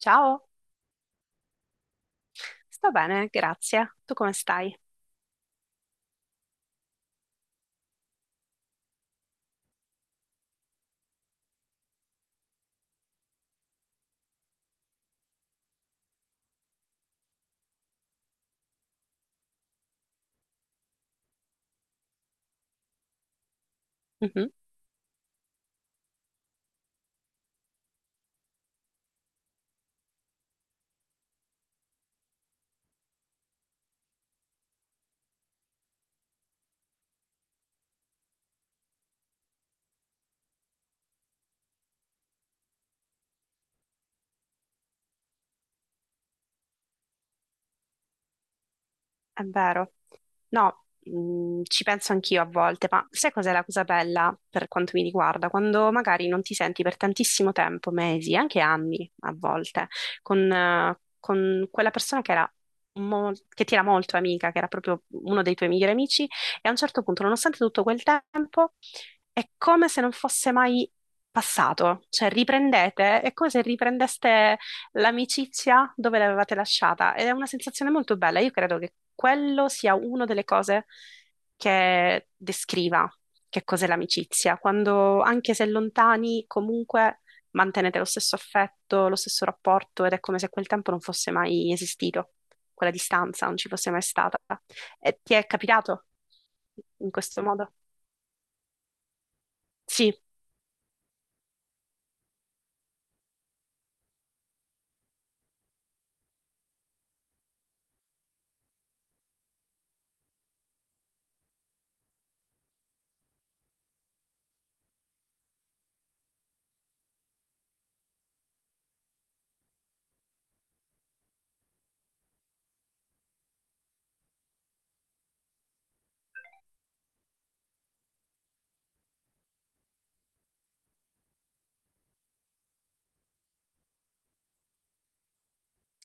Ciao, sto bene, grazie. Tu come stai? Mhm. È vero. No, ci penso anch'io a volte, ma sai cos'è la cosa bella per quanto mi riguarda? Quando magari non ti senti per tantissimo tempo, mesi, anche anni a volte, con quella persona che era che ti era molto amica, che era proprio uno dei tuoi migliori amici, e a un certo punto, nonostante tutto quel tempo, è come se non fosse mai passato, cioè riprendete, è come se riprendeste l'amicizia dove l'avevate lasciata ed è una sensazione molto bella. Io credo che quello sia una delle cose che descriva che cos'è l'amicizia, quando anche se lontani comunque mantenete lo stesso affetto, lo stesso rapporto ed è come se quel tempo non fosse mai esistito, quella distanza non ci fosse mai stata. E ti è capitato in questo modo? Sì,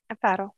è vero.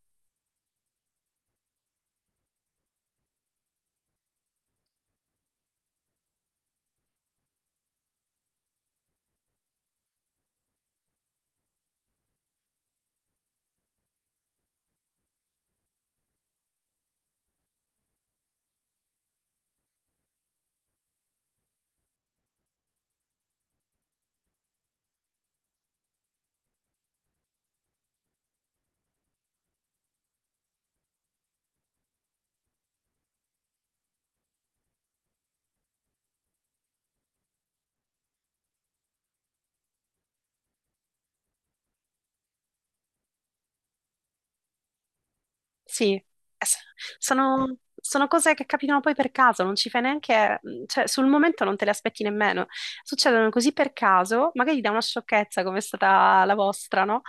Sì. Sono, sono cose che capitano poi per caso, non ci fai neanche, cioè sul momento non te le aspetti nemmeno. Succedono così per caso, magari da una sciocchezza come è stata la vostra, no?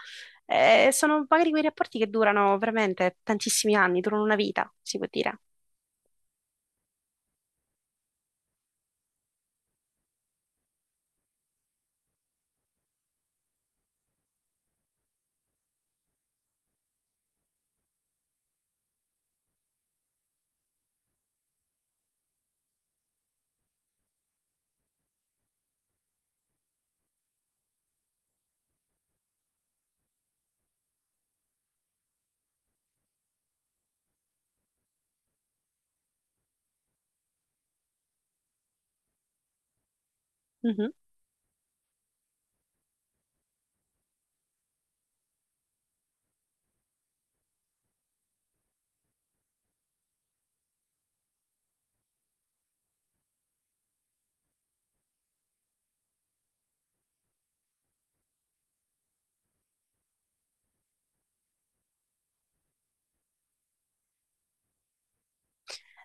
Sono magari quei rapporti che durano veramente tantissimi anni, durano una vita, si può dire.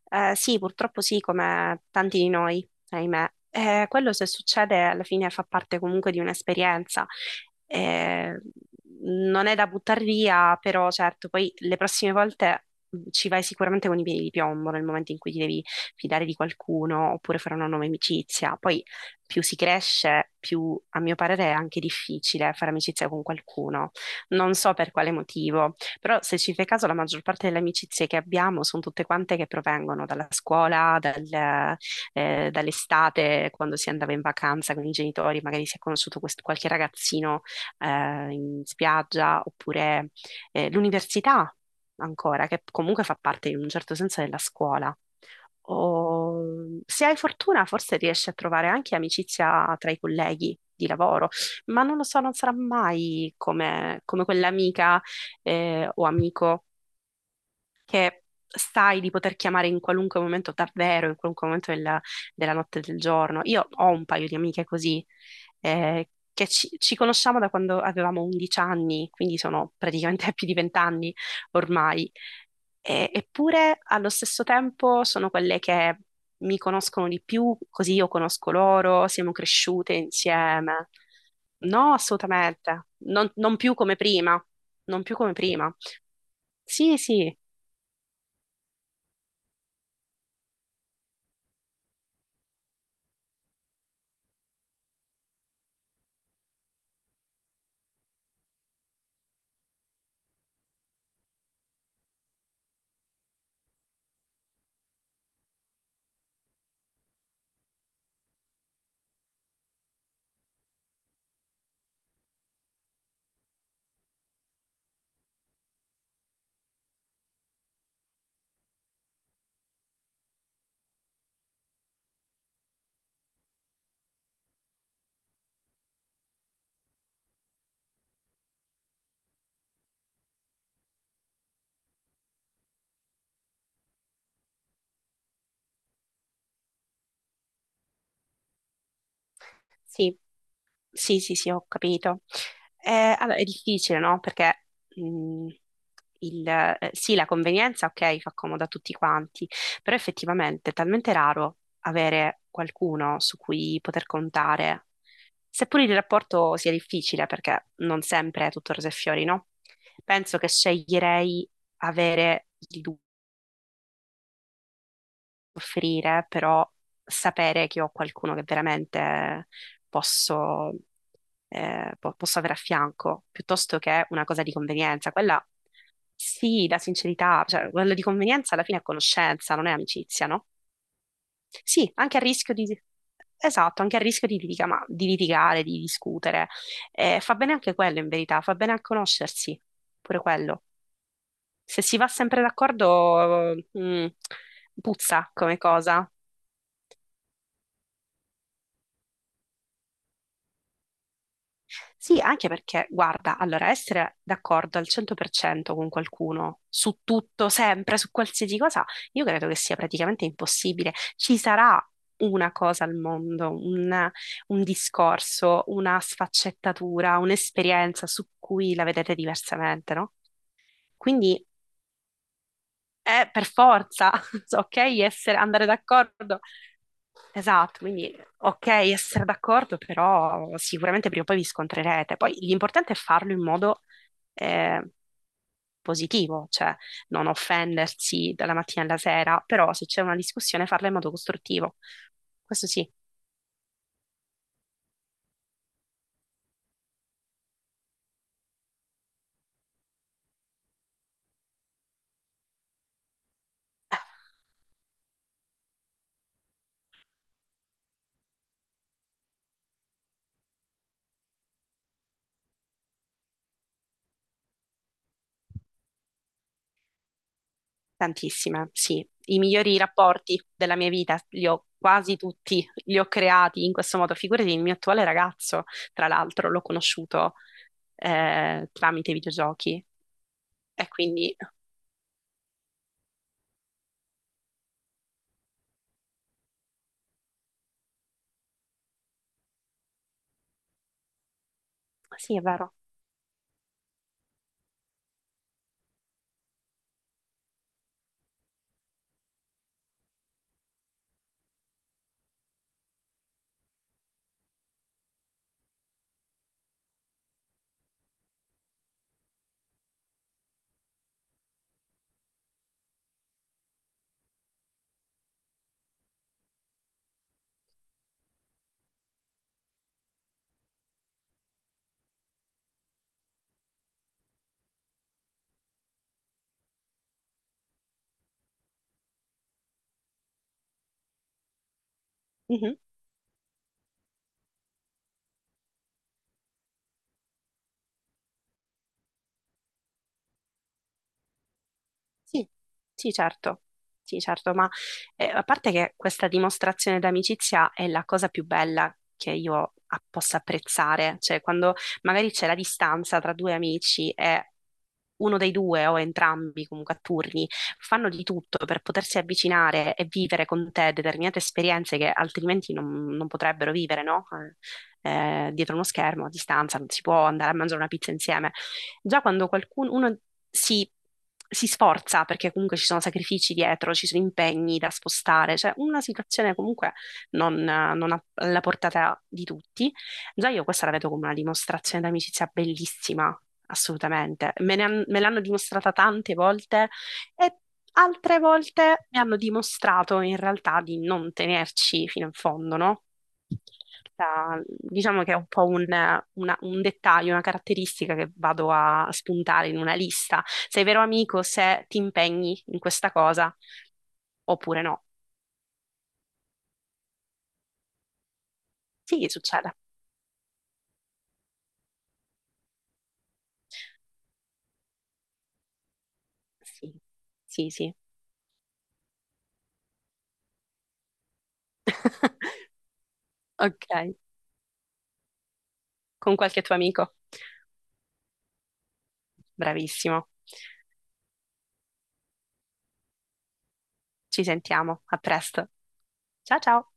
Sì, purtroppo sì, come tanti di noi, ahimè. Quello se succede alla fine fa parte comunque di un'esperienza. Eh, Non è da buttare via, però certo, poi le prossime volte ci vai sicuramente con i piedi di piombo nel momento in cui ti devi fidare di qualcuno oppure fare una nuova amicizia. Poi più si cresce, più a mio parere è anche difficile fare amicizia con qualcuno. Non so per quale motivo. Però se ci fai caso, la maggior parte delle amicizie che abbiamo sono tutte quante che provengono dalla scuola, dall'estate, quando si andava in vacanza con i genitori, magari si è conosciuto qualche ragazzino eh, in spiaggia, oppure l'università ancora, che comunque fa parte in un certo senso della scuola, o se hai fortuna forse riesci a trovare anche amicizia tra i colleghi di lavoro, ma non lo so, non sarà mai come, come quell'amica o amico che sai di poter chiamare in qualunque momento, davvero, in qualunque momento della, della notte e del giorno. Io ho un paio di amiche così, eh, che ci, ci conosciamo da quando avevamo 11 anni, quindi sono praticamente più di 20 anni ormai. Eppure allo stesso tempo sono quelle che mi conoscono di più, così io conosco loro, siamo cresciute insieme. No, assolutamente, non, non più come prima, non più come prima. Sì, sì, sì. Sì, sì, sì, ho capito. Allora, è difficile, no? Perché mh, sì, la convenienza, ok, fa comodo a tutti quanti, però effettivamente è talmente raro avere qualcuno su cui poter contare, seppur il rapporto sia difficile, perché non sempre è tutto rose e fiori, no? Penso che sceglierei avere il offrire, però sapere che ho qualcuno che veramente posso, posso avere a fianco, piuttosto che una cosa di convenienza. Quella sì, la sincerità, cioè quella di convenienza alla fine è conoscenza, non è amicizia, no? Sì, anche a rischio di... Esatto, anche a rischio di, di litigare, di discutere. Fa bene anche quello, in verità, fa bene a conoscersi, pure quello. Se si va sempre d'accordo, puzza come cosa. Sì, anche perché, guarda, allora essere d'accordo al 100% con qualcuno su tutto, sempre, su qualsiasi cosa, io credo che sia praticamente impossibile. Ci sarà una cosa al mondo, un discorso, una sfaccettatura, un'esperienza su cui la vedete diversamente, no? Quindi è per forza, so, ok, essere, andare d'accordo. Esatto, quindi ok essere d'accordo, però sicuramente prima o poi vi scontrerete. Poi l'importante è farlo in modo eh, positivo, cioè non offendersi dalla mattina alla sera, però se c'è una discussione farla in modo costruttivo. Questo sì. Eh, tantissime, sì. I migliori rapporti della mia vita li ho quasi tutti, li ho creati in questo modo. Figurati, il mio attuale ragazzo, tra l'altro, l'ho conosciuto tramite videogiochi e quindi... Sì, è vero. Mhm. Sì, sì, certo. Sì, certo, ma a parte che questa dimostrazione d'amicizia è la cosa più bella che io possa apprezzare, cioè quando magari c'è la distanza tra due amici e uno dei due o entrambi comunque a turni fanno di tutto per potersi avvicinare e vivere con te determinate esperienze che altrimenti non, non potrebbero vivere, no? Dietro uno schermo a distanza non si può andare a mangiare una pizza insieme. Già quando qualcuno uno si, si sforza, perché comunque ci sono sacrifici dietro, ci sono impegni da spostare, cioè una situazione comunque non a- alla portata di tutti, già io questa la vedo come una dimostrazione d'amicizia bellissima. Assolutamente, me l'hanno dimostrata tante volte e altre volte mi hanno dimostrato in realtà di non tenerci fino in fondo, no? Diciamo che è un po' un dettaglio, una caratteristica che vado a spuntare in una lista. Sei vero amico se ti impegni in questa cosa oppure no. Sì, succede. Sì, sì, sì. Ok, con qualche tuo amico. Bravissimo. Ci sentiamo. A presto. Ciao ciao.